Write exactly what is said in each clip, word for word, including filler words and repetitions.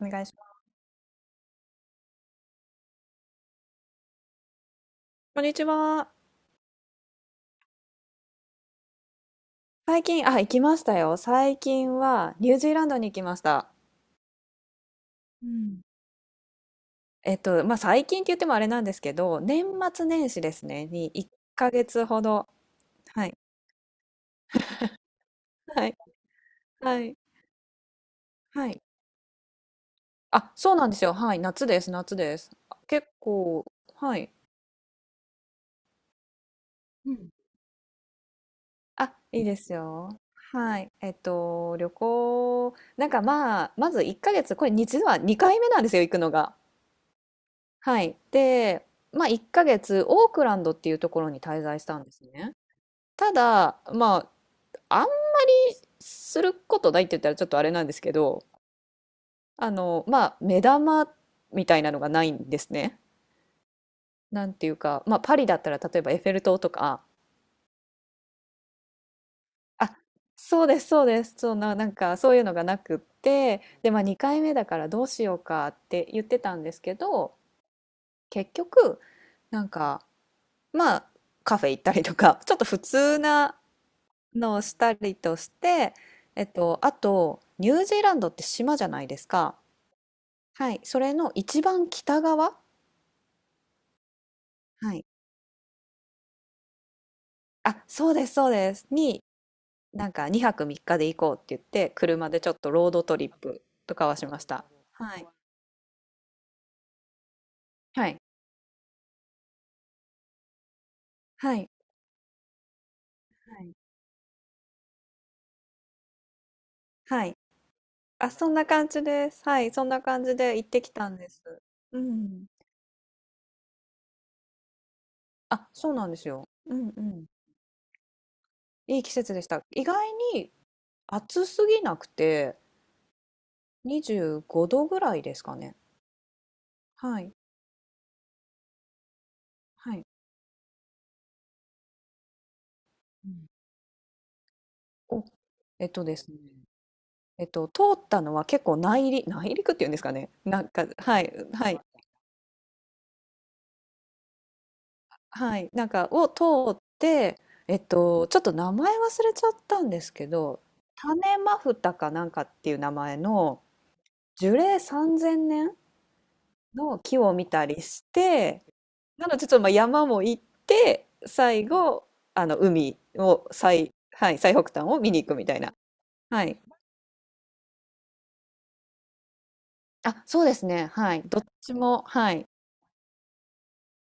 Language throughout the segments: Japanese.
お願いします。こんにちは。最近、あ、行きましたよ。最近はニュージーランドに行きました。うん。えっと、まあ、最近って言ってもあれなんですけど、年末年始ですね、にいっかげつほど。はい。はい。はい。はい。あ、そうなんですよ。はい。夏です。夏です。あ結構、はい。うん、あ、いいですよ。はい。えっと、旅行、なんかまあ、まずいっかげつ、これ実はにかいめなんですよ、行くのが。はい。で、まあ、いっかげつオークランドっていうところに滞在したんですね。ただ、まあ、あんすることないって言ったらちょっとあれなんですけど、あの、まあ、目玉みたいなのがないんですね。なんていうか、まあ、パリだったら例えばエッフェル塔とか、あ、そうです、そうです。そんな、なんかそういうのがなくって、で、まあ、にかいめだからどうしようかって言ってたんですけど、結局、なんか、まあ、カフェ行ったりとか、ちょっと普通な、のをしたりとして、えっと、あと、ニュージーランドって島じゃないですか。はい。それの一番北側、はい。あ、そうです、そうです。に、なんかにはくみっかで行こうって言って、車でちょっとロードトリップとかはしました。はい。はい。はい。はい。はい、あ、そんな感じです。はい。そんな感じで行ってきたんです。うん。あ、そうなんですよ。うんうん。いい季節でした。意外に暑すぎなくて、にじゅうごどぐらいですかね。はい。はい。うん。お、えっとですね。えっと、通ったのは結構内陸、内陸っていうんですかね。なんか、はい、はい、はい。なんか、を通って、えっと、ちょっと名前忘れちゃったんですけど、種マフタかなんかっていう名前の樹齢さんぜんねんの木を見たりして、なのでちょっとまあ山も行って、最後、あの海を最、はい、最北端を見に行くみたいな。はい、あ、そうですね。はい。どっちも、はい。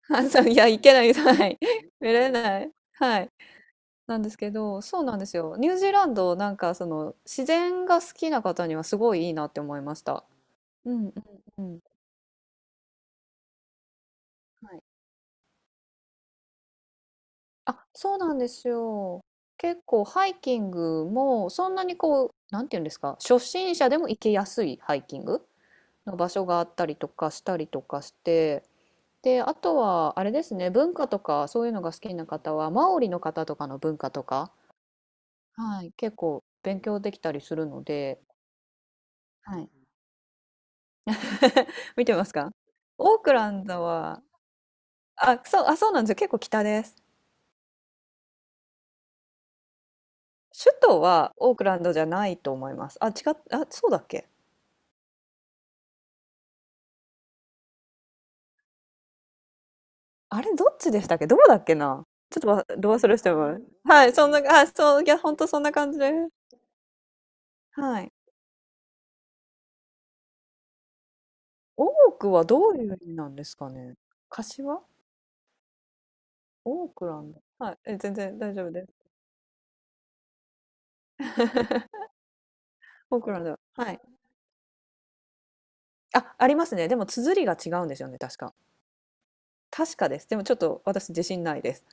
ハンさん、いや、いけない、はい。見れない。はい。なんですけど、そうなんですよ。ニュージーランド、なんか、その、自然が好きな方にはすごいいいなって思いました。うんうんうん。はい。あ、そうなんですよ。結構、ハイキングも、そんなにこう、なんていうんですか、初心者でも行けやすいハイキングの場所があったりとかしたりとかして、で、あとは、あれですね、文化とかそういうのが好きな方は、マオリの方とかの文化とか、はい、結構勉強できたりするので、はい。見てますか？オークランドは、あ、そう、あ、そうなんですよ。結構北です。首都はオークランドじゃないと思います。あ、違っ、あ、そうだっけ？あれ、どっちでしたっけ？どこだっけな？ちょっとわ、ど忘れしてもらう。はい、そんな、あ、そう、いや、ほんとそんな感じで。はい。多くはどういう意味なんですかね。柏？オークランド。はい、え、全然大丈夫です。オークランド、はい。あ、ありますね。でも綴りが違うんですよね、確か。確かです。でもちょっと私自信ないです。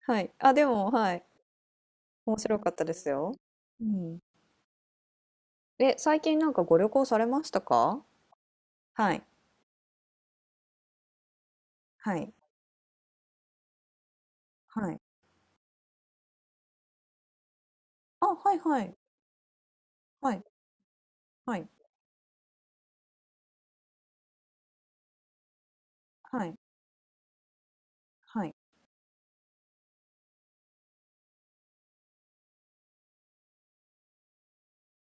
はい。あ、でも、はい。面白かったですよ。うん。え、最近なんかご旅行されましたか？はい。はい。はい。あ、はいはい。はい。はい。はい。はい。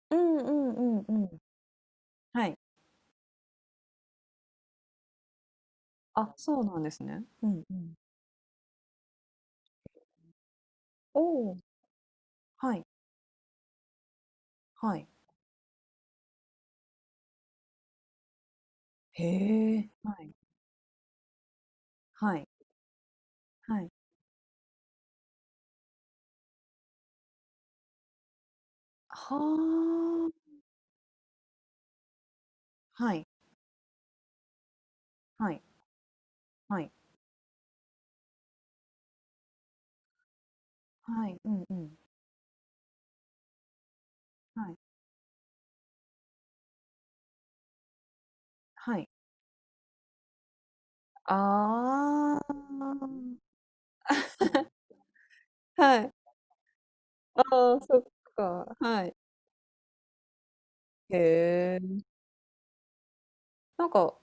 うんうんうんうん。はい。あ、そうなんですね。うんうん。おお、はい。はい。へえ。はい。はい。はい。はあ。はい。はい、はい、はい、うんうん。はい、はい。ああ。はい。ああ、そっか。はい。へえ。なんか、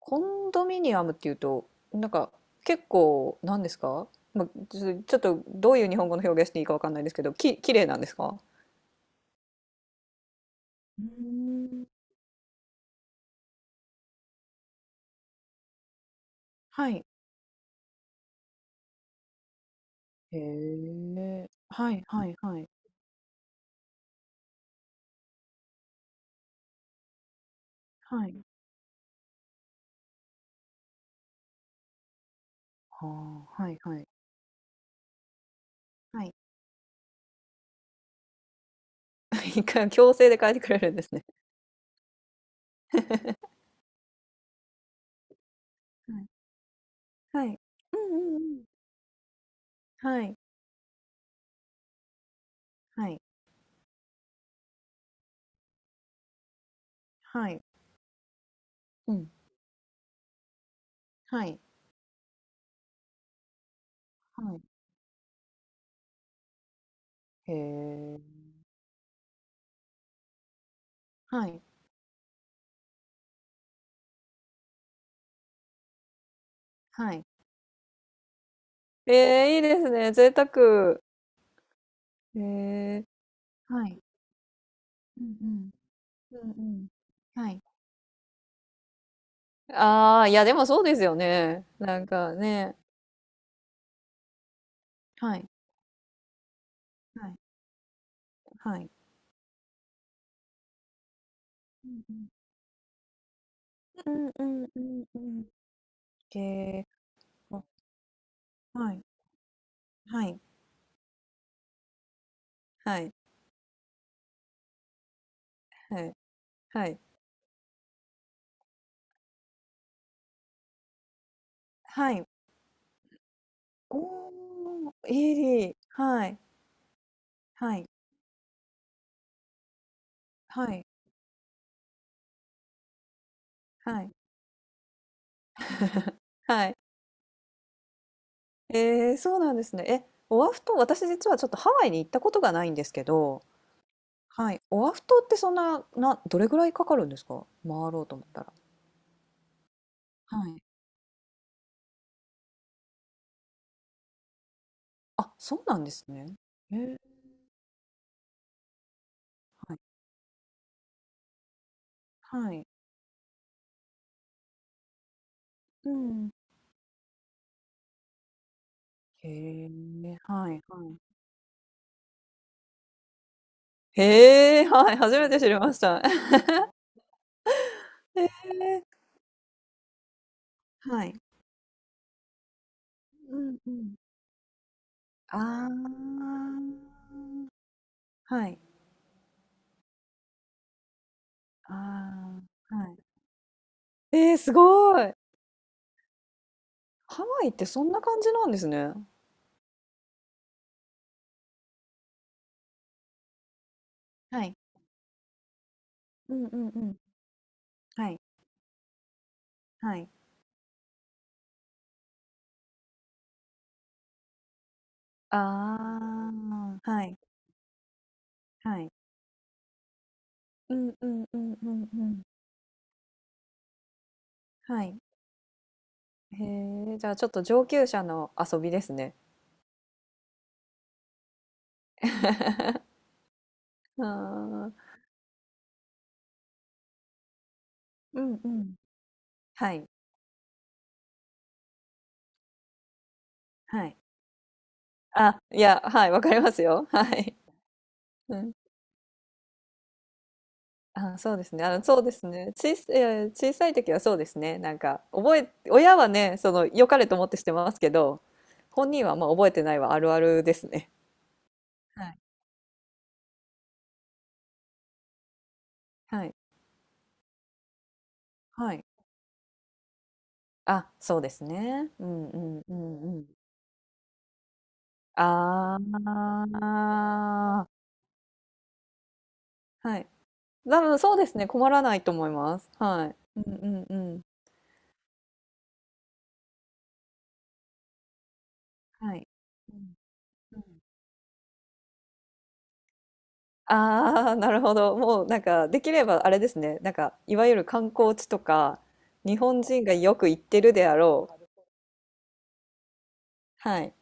コンドミニアムっていうと、なんか、結構、なんですか？まあ、ちょちょっと、どういう日本語の表現していいかわかんないですけど、き、綺麗なんですか？うーん。はい。へえ。はいはいはい。はい。はあ。はいはい。はい。一回強制で変えてくれるんですね。はい。はい。うんうんうん。はい、はい、はい、うん。はい、はい、へえ。はい、はい、ええ、いいですね。贅沢。へえ。はい、うんうん、うんうん。はい、ああ、いや、でもそうですよね。なんかね。はい、はい、はい、うんうんうんうんうんうん。へえ。あ、はい、はい、はい、はい、はい。はい。おお、いい、はい、はい、はい、はい。はい。ええ、そうなんですね。え、オアフ島、私実はちょっとハワイに行ったことがないんですけど、はい、オアフ島ってそんな、な、どれぐらいかかるんですか？回ろうと思ったら。はい。あ、そうなんですね。えー、はい、はい。うん。へえ、はい、はい。へえ、はい、初めて知りました。へえ、はい。うんうん。ああ、はい、ああ、はい。えー、すごい。ハワイってそんな感じなんですね。はい。うんうんうん。はい、はい。ああ、はい、はい。うんうんうんうんうん。はい。へえ、じゃあちょっと上級者の遊びですね。あー、うんうん。はい、はい。あ、いや、はい、わかりますよ。はい。うん。あ、そうですね。あの、そうですね。小さい、いや小さい時はそうですね。なんか、覚え、親はね、その、良かれと思ってしてますけど、本人はまあ覚えてないはあるあるですね。はい、はい、はい。あ、そうですね。うんうんうんうん。ああ、はい。多分そうですね、困らないと思います。はい。うんうんうん。はい。うん、うん。ああ、なるほど。もうなんかできればあれですね、なんかいわゆる観光地とか、日本人がよく行ってるであろう。はい。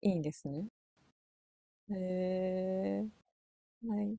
いいんですね。へえ。はい。